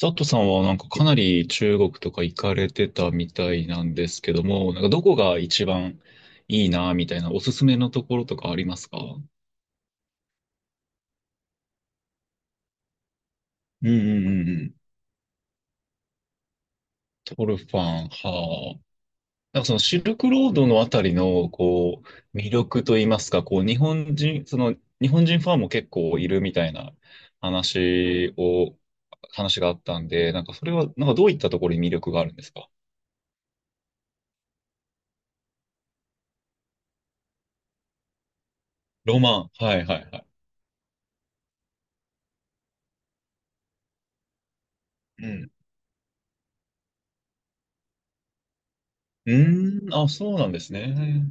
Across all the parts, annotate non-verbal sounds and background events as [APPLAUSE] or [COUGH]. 佐藤さんはなんかかなり中国とか行かれてたみたいなんですけども、なんかどこが一番いいなみたいなおすすめのところとかありますか？うんうんうんうん。トルファン、はあ。なんかそのシルクロードのあたりのこう魅力といいますか、こう日本人、その日本人ファンも結構いるみたいな話を、話があったんで、なんかそれはなんかどういったところに魅力があるんですか？ロマン。はいはいはい。うん。うーん、あ、そうなんですね。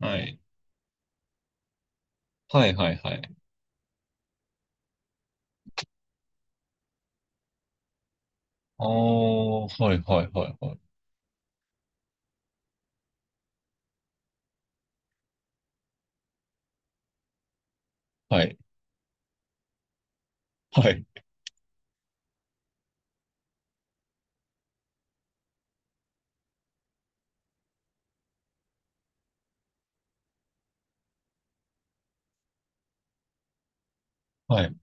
はい。はいはいはい。ああ、はいはいはいはい。はい。はい。はい。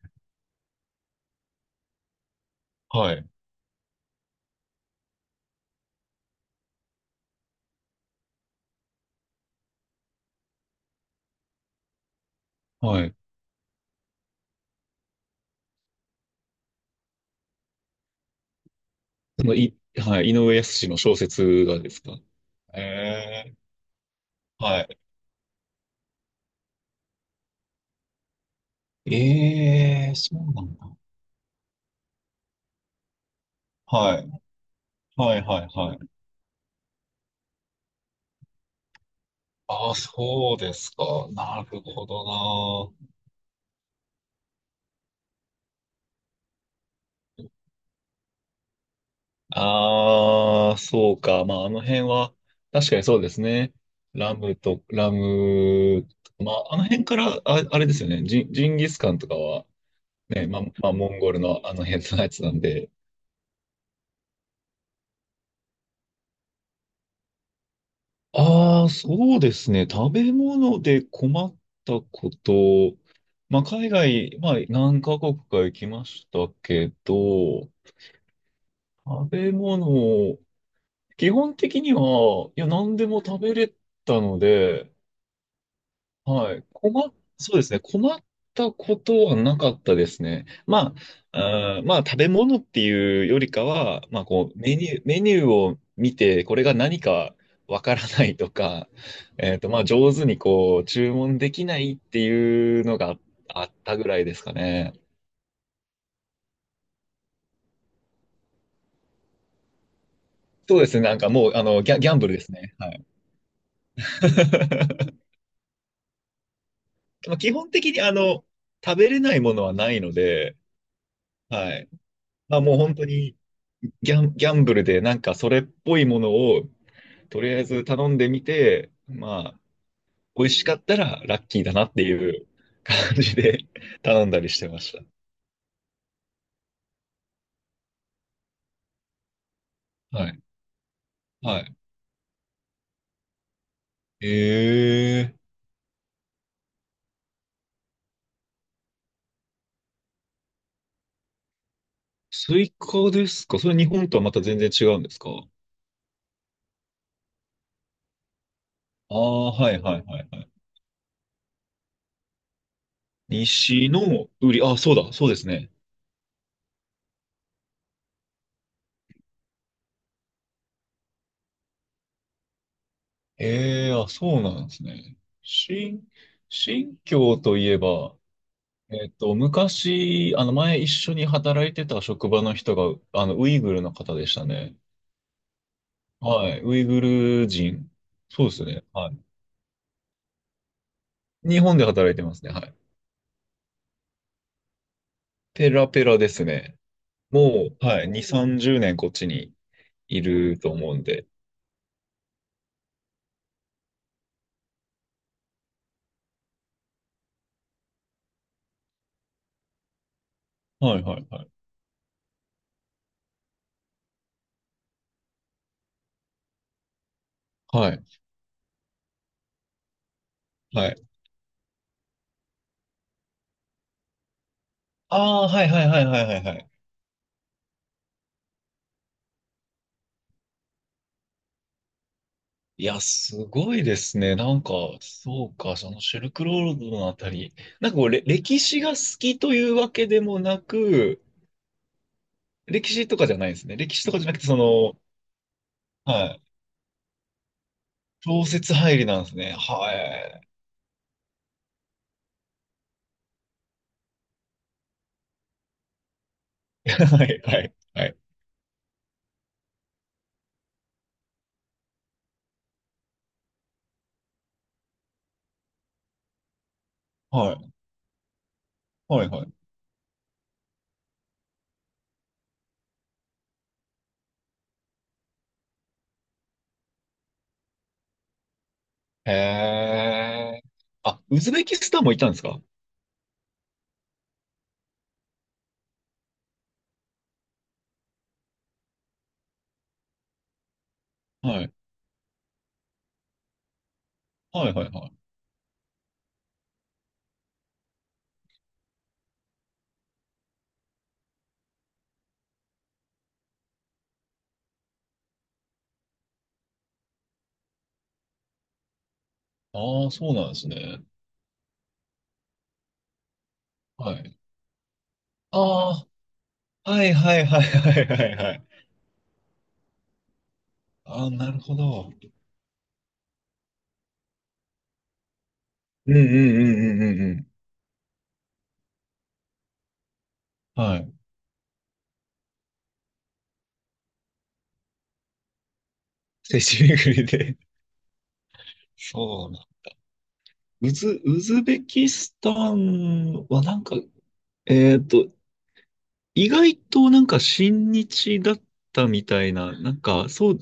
はい。はい。はいはいはい。はい、井上靖の小説がですか？えーはい。ええーそうなんだ。はい。はいはいはい。ああ、そうですか。なるほどな。ああ、そうか。まあ、あの辺は、確かにそうですね。ラム、まあ、あの辺から、あ、あれですよね。ジンギスカンとかは、ね、まあ、モンゴルのあの辺のやつなんで、ああ、そうですね。食べ物で困ったこと。まあ、海外、まあ、何カ国か行きましたけど、食べ物、基本的には、いや、何でも食べれたので、はい。そうですね。困ったことはなかったですね。まあ、食べ物っていうよりかは、まあ、こう、メニューを見て、これが何かわからないとか、まあ、上手にこう、注文できないっていうのがあったぐらいですかね。そうですね。なんかもう、あの、ギャンブルですね。はい。[LAUGHS] まあ、基本的に、あの、食べれないものはないので、はい。まあ、もう本当に、ギャンブルでなんかそれっぽいものをとりあえず頼んでみて、まあ、美味しかったらラッキーだなっていう感じで [LAUGHS] 頼んだりしてました。はい。はい。ええー、スイカですか？それ日本とはまた全然違うんですか？ああー、はいはいはいはい。西の売り、あ、そうだ、そうですね。ええ、あ、そうなんですね。新疆といえば、昔、前一緒に働いてた職場の人が、ウイグルの方でしたね。はい。ウイグル人。そうですね。はい。日本で働いてますね。はい。ペラペラですね。もう、はい。2、30年こっちにいると思うんで。はいはいはい。はい。はい。ああ、はいはいはいはいはいはい。いや、すごいですね。なんか、そうか、そのシルクロードのあたり。なんかこう、歴史が好きというわけでもなく、歴史とかじゃないですね。歴史とかじゃなくて、その、はい。小説入りなんですね。はい。[LAUGHS] はいはいはい。はいはいはい。へえ。あ、ウズベキスタンも行ったんですか？はい。はいはいはい。ああ、そうなんですね。はい。ああ、はいはいはいはいはいはい。ああ、なるほど。うんうんうんうんうんうん。はい。聖地巡りで。そうな。ウズベキスタンはなんか、えっと、意外となんか親日だったみたいな、なんか、そう、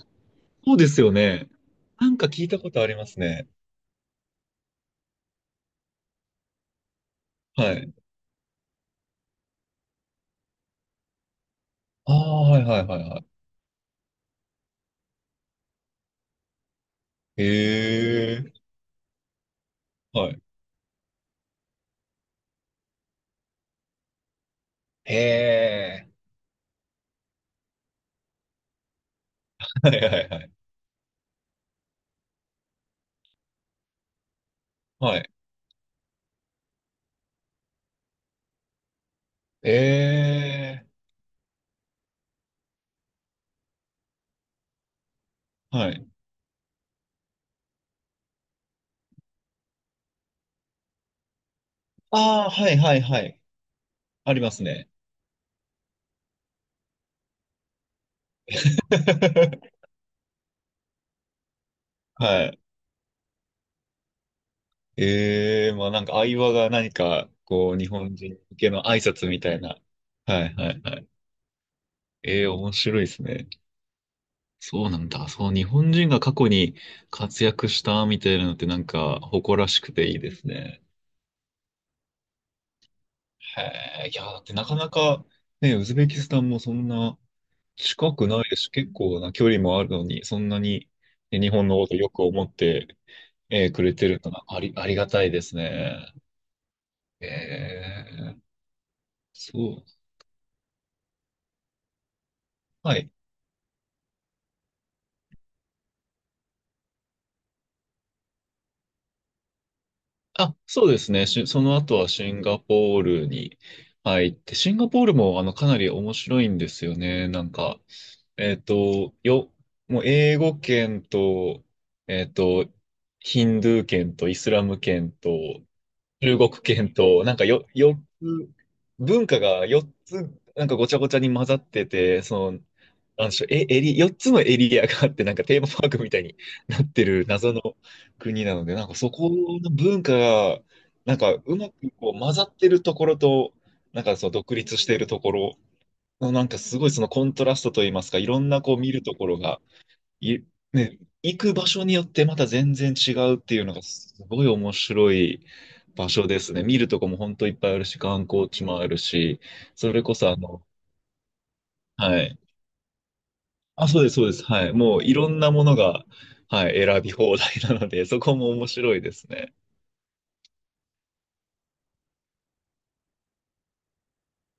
そうですよね。なんか聞いたことありますね。はい。ああ、はいはいはいはい。へえ、はい。へえ、はいはいはい。はい。ええ、はい。ああ、はいはいはい。ありますね。[LAUGHS] はい。ええ、まあなんか相場が何か、こう、日本人向けの挨拶みたいな。はいはいはい。ええ、面白いですね。そうなんだ。そう、日本人が過去に活躍したみたいなのってなんか誇らしくていいですね。へえ、いや、だってなかなか、ね、ウズベキスタンもそんな、近くないです。結構な距離もあるのに、そんなにね日本のことよく思って、くれてるのはありがたいですね。えー、そう。はい。あ、そうですね。その後はシンガポールに入って、シンガポールもあのかなり面白いんですよね。なんか、えっと、よ、もう英語圏と、えっと、ヒンドゥー圏とイスラム圏と、中国圏と、なんか、4つ、文化が4つ、なんかごちゃごちゃに混ざってて、その、なんでしょう、え、エリ、4つのエリアがあって、なんかテーマパークみたいになってる謎の国なので、なんかそこの文化が、なんかうまくこう混ざってるところと、なんかその独立しているところの、なんかすごいそのコントラストといいますか、いろんなこう見るところがい、ね、行く場所によってまた全然違うっていうのがすごい面白い場所ですね。見るとこも本当いっぱいあるし、観光地もあるし、それこそあの、はい。あ、そうです、そうです。はい。もういろんなものが、はい、選び放題なので、そこも面白いですね。